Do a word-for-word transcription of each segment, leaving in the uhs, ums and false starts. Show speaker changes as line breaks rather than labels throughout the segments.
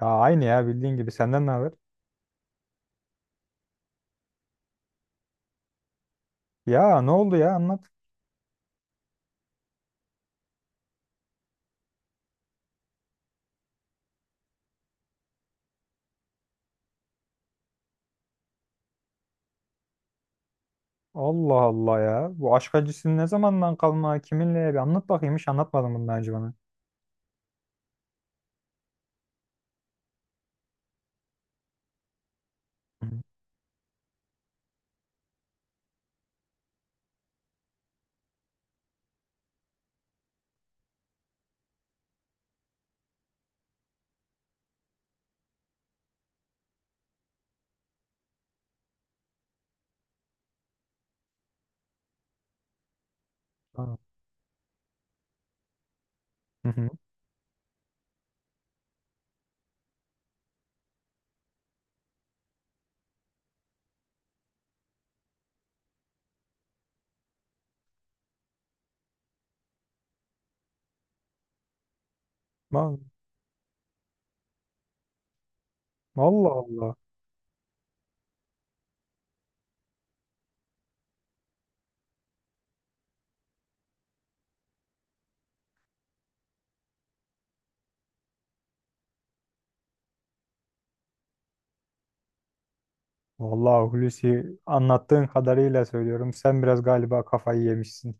Ya aynı ya bildiğin gibi senden ne haber? Ya ne oldu ya anlat. Allah Allah ya. Bu aşk acısı ne zamandan kalma kiminle bir anlat bakayım hiç anlatmadın bundan önce bana. Hı hı. Tamam. Hı hı. Va- Allah Allah. Vallahi Hulusi anlattığın kadarıyla söylüyorum. Sen biraz galiba kafayı yemişsin.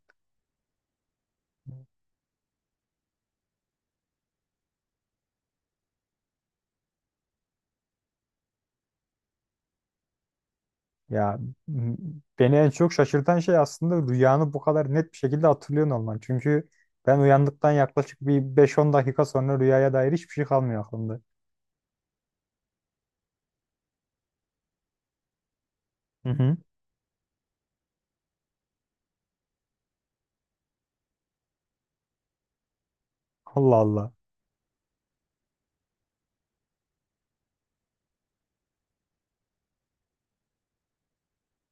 Ya m- beni en çok şaşırtan şey aslında rüyanı bu kadar net bir şekilde hatırlıyorsun olman. Çünkü ben uyandıktan yaklaşık bir beş on dakika sonra rüyaya dair hiçbir şey kalmıyor aklımda. Hı hı. Allah Allah.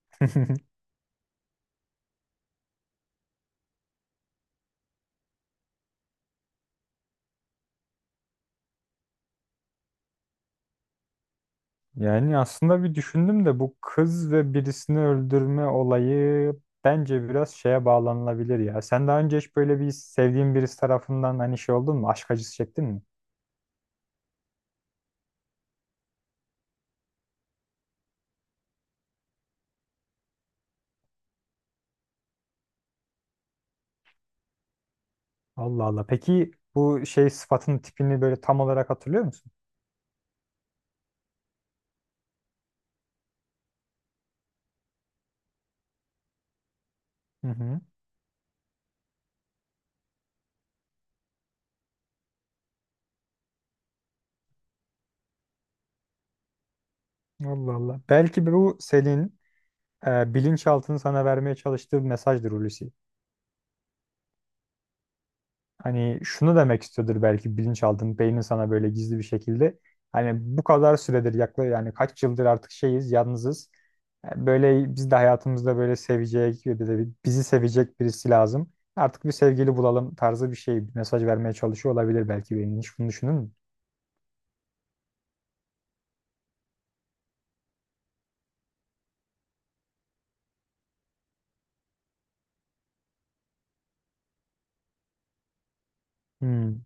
Yani aslında bir düşündüm de bu kız ve birisini öldürme olayı bence biraz şeye bağlanılabilir ya. Sen daha önce hiç böyle bir sevdiğin birisi tarafından hani şey oldun mu? Aşk acısı çektin mi? Allah Allah. Peki bu şey sıfatın tipini böyle tam olarak hatırlıyor musun? Hı hı. Allah Allah. Belki bu senin e, bilinçaltının sana vermeye çalıştığı bir mesajdır Hulusi. Hani şunu demek istiyordur belki bilinçaltın, beynin sana böyle gizli bir şekilde. Hani bu kadar süredir yaklaşık yani kaç yıldır artık şeyiz, yalnızız. Yani böyle biz de hayatımızda böyle sevecek, bir de bizi sevecek birisi lazım. Artık bir sevgili bulalım tarzı bir şey, bir mesaj vermeye çalışıyor olabilir belki beynin. Hiç bunu düşündün mü? Hmm,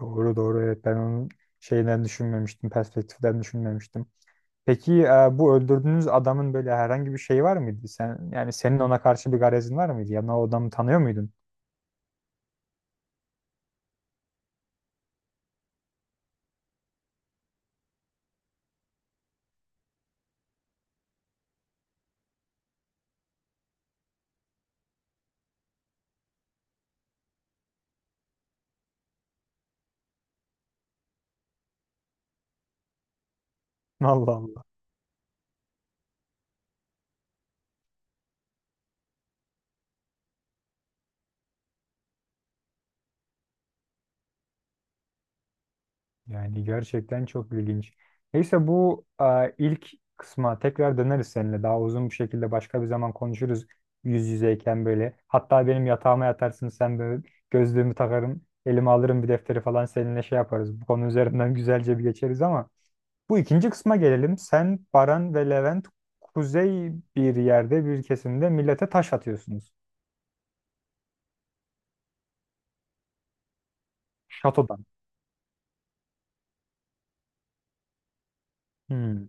doğru doğru evet ben onun şeyden düşünmemiştim, perspektiften düşünmemiştim. Peki e, bu öldürdüğünüz adamın böyle herhangi bir şeyi var mıydı? Sen yani senin ona karşı bir garezin var mıydı? Yani o adamı tanıyor muydun? Allah Allah. Yani gerçekten çok ilginç. Neyse bu e, ilk kısma tekrar döneriz seninle. Daha uzun bir şekilde başka bir zaman konuşuruz yüz yüzeyken böyle. Hatta benim yatağıma yatarsın sen böyle gözlüğümü takarım, elime alırım bir defteri falan seninle şey yaparız. Bu konu üzerinden güzelce bir geçeriz ama bu ikinci kısma gelelim. Sen, Baran ve Levent kuzey bir yerde bir kesimde millete taş atıyorsunuz. Şatodan. Hmm.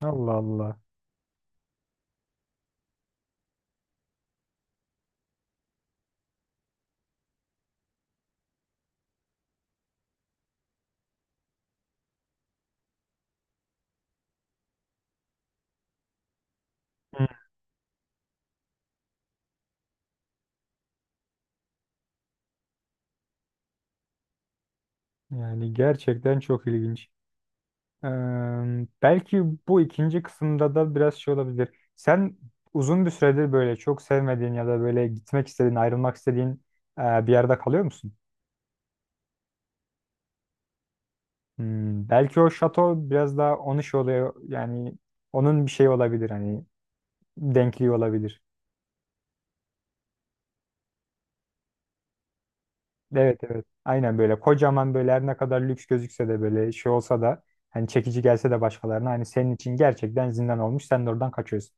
Allah Allah. Hmm. Yani gerçekten çok ilginç. Eee, Belki bu ikinci kısımda da biraz şey olabilir. Sen uzun bir süredir böyle çok sevmediğin ya da böyle gitmek istediğin, ayrılmak istediğin eee, bir yerde kalıyor musun? Hmm, belki o şato biraz daha onun şey oluyor yani onun bir şeyi olabilir hani denkliği olabilir. Evet evet aynen böyle kocaman böyle her ne kadar lüks gözükse de böyle şey olsa da hani çekici gelse de başkalarına hani senin için gerçekten zindan olmuş sen de oradan kaçıyorsun.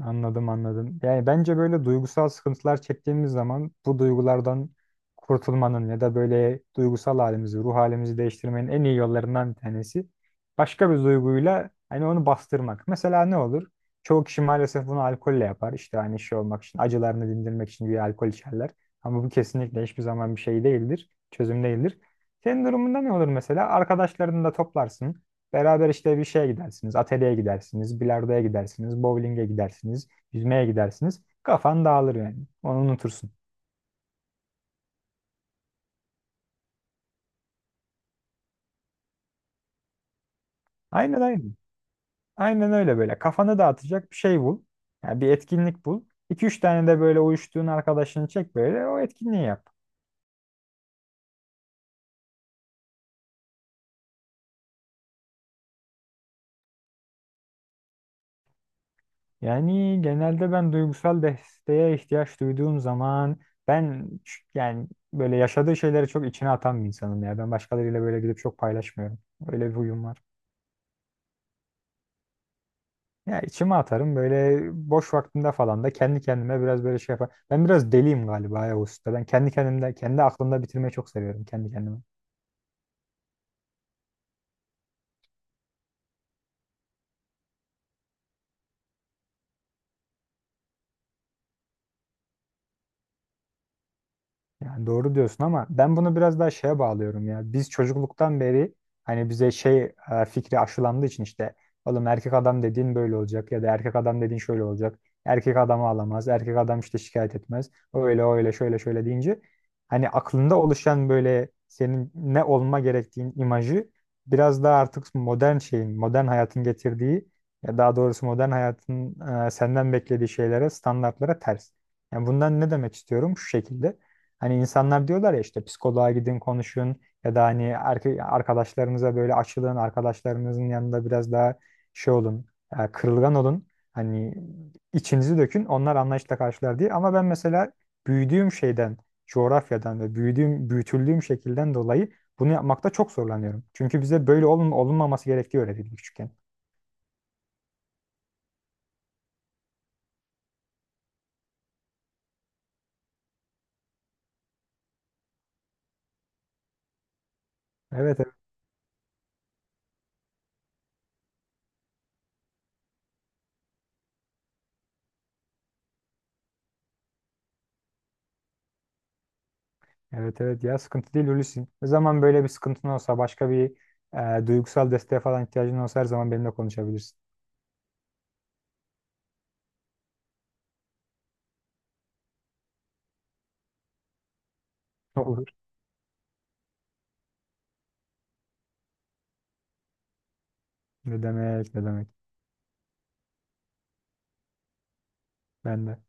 Anladım anladım. Yani bence böyle duygusal sıkıntılar çektiğimiz zaman bu duygulardan kurtulmanın ya da böyle duygusal halimizi, ruh halimizi değiştirmenin en iyi yollarından bir tanesi başka bir duyguyla hani onu bastırmak. Mesela ne olur? Çoğu kişi maalesef bunu alkolle yapar. İşte hani şey olmak için, acılarını dindirmek için bir alkol içerler. Ama bu kesinlikle hiçbir zaman bir şey değildir, çözüm değildir. Senin durumunda ne olur mesela? Arkadaşlarını da toplarsın. Beraber işte bir şeye gidersiniz, atölyeye gidersiniz, bilardoya gidersiniz, bowling'e gidersiniz, yüzmeye gidersiniz. Kafan dağılır yani. Onu unutursun. Aynen aynen. Aynen öyle böyle. Kafanı dağıtacak bir şey bul. Yani bir etkinlik bul. İki üç tane de böyle uyuştuğun arkadaşını çek böyle o etkinliği yap. Yani genelde ben duygusal desteğe ihtiyaç duyduğum zaman ben ç- yani böyle yaşadığı şeyleri çok içine atan bir insanım ya. Ben başkalarıyla böyle gidip çok paylaşmıyorum. Öyle bir huyum var. Ya içime atarım böyle boş vaktimde falan da kendi kendime biraz böyle şey yapar. Ben biraz deliyim galiba ya usta. Ben kendi kendimde kendi aklımda bitirmeyi çok seviyorum kendi kendime. Yani doğru diyorsun ama ben bunu biraz daha şeye bağlıyorum ya. Biz çocukluktan beri hani bize şey e, fikri aşılandığı için işte oğlum erkek adam dediğin böyle olacak ya da erkek adam dediğin şöyle olacak. Erkek adamı alamaz. Erkek adam işte şikayet etmez. Öyle öyle şöyle şöyle deyince hani aklında oluşan böyle senin ne olma gerektiğin imajı biraz daha artık modern şeyin, modern hayatın getirdiği ya daha doğrusu modern hayatın e, senden beklediği şeylere, standartlara ters. Yani bundan ne demek istiyorum? Şu şekilde. Hani insanlar diyorlar ya işte psikoloğa gidin konuşun ya da hani erke- arkadaşlarınıza böyle açılın, arkadaşlarınızın yanında biraz daha şey olun, e, kırılgan olun. Hani içinizi dökün, onlar anlayışla karşılar diye. Ama ben mesela büyüdüğüm şeyden, coğrafyadan ve büyüdüğüm, büyütüldüğüm şekilden dolayı bunu yapmakta çok zorlanıyorum. Çünkü bize böyle olun, olunmaması gerektiği öğretildi küçükken. Evet, evet, evet, evet ya sıkıntı değil Hulusi. Ne zaman böyle bir sıkıntın olsa başka bir e, duygusal desteğe falan ihtiyacın olsa her zaman benimle konuşabilirsin. Olur. Ne demek, ne demek. Ben de.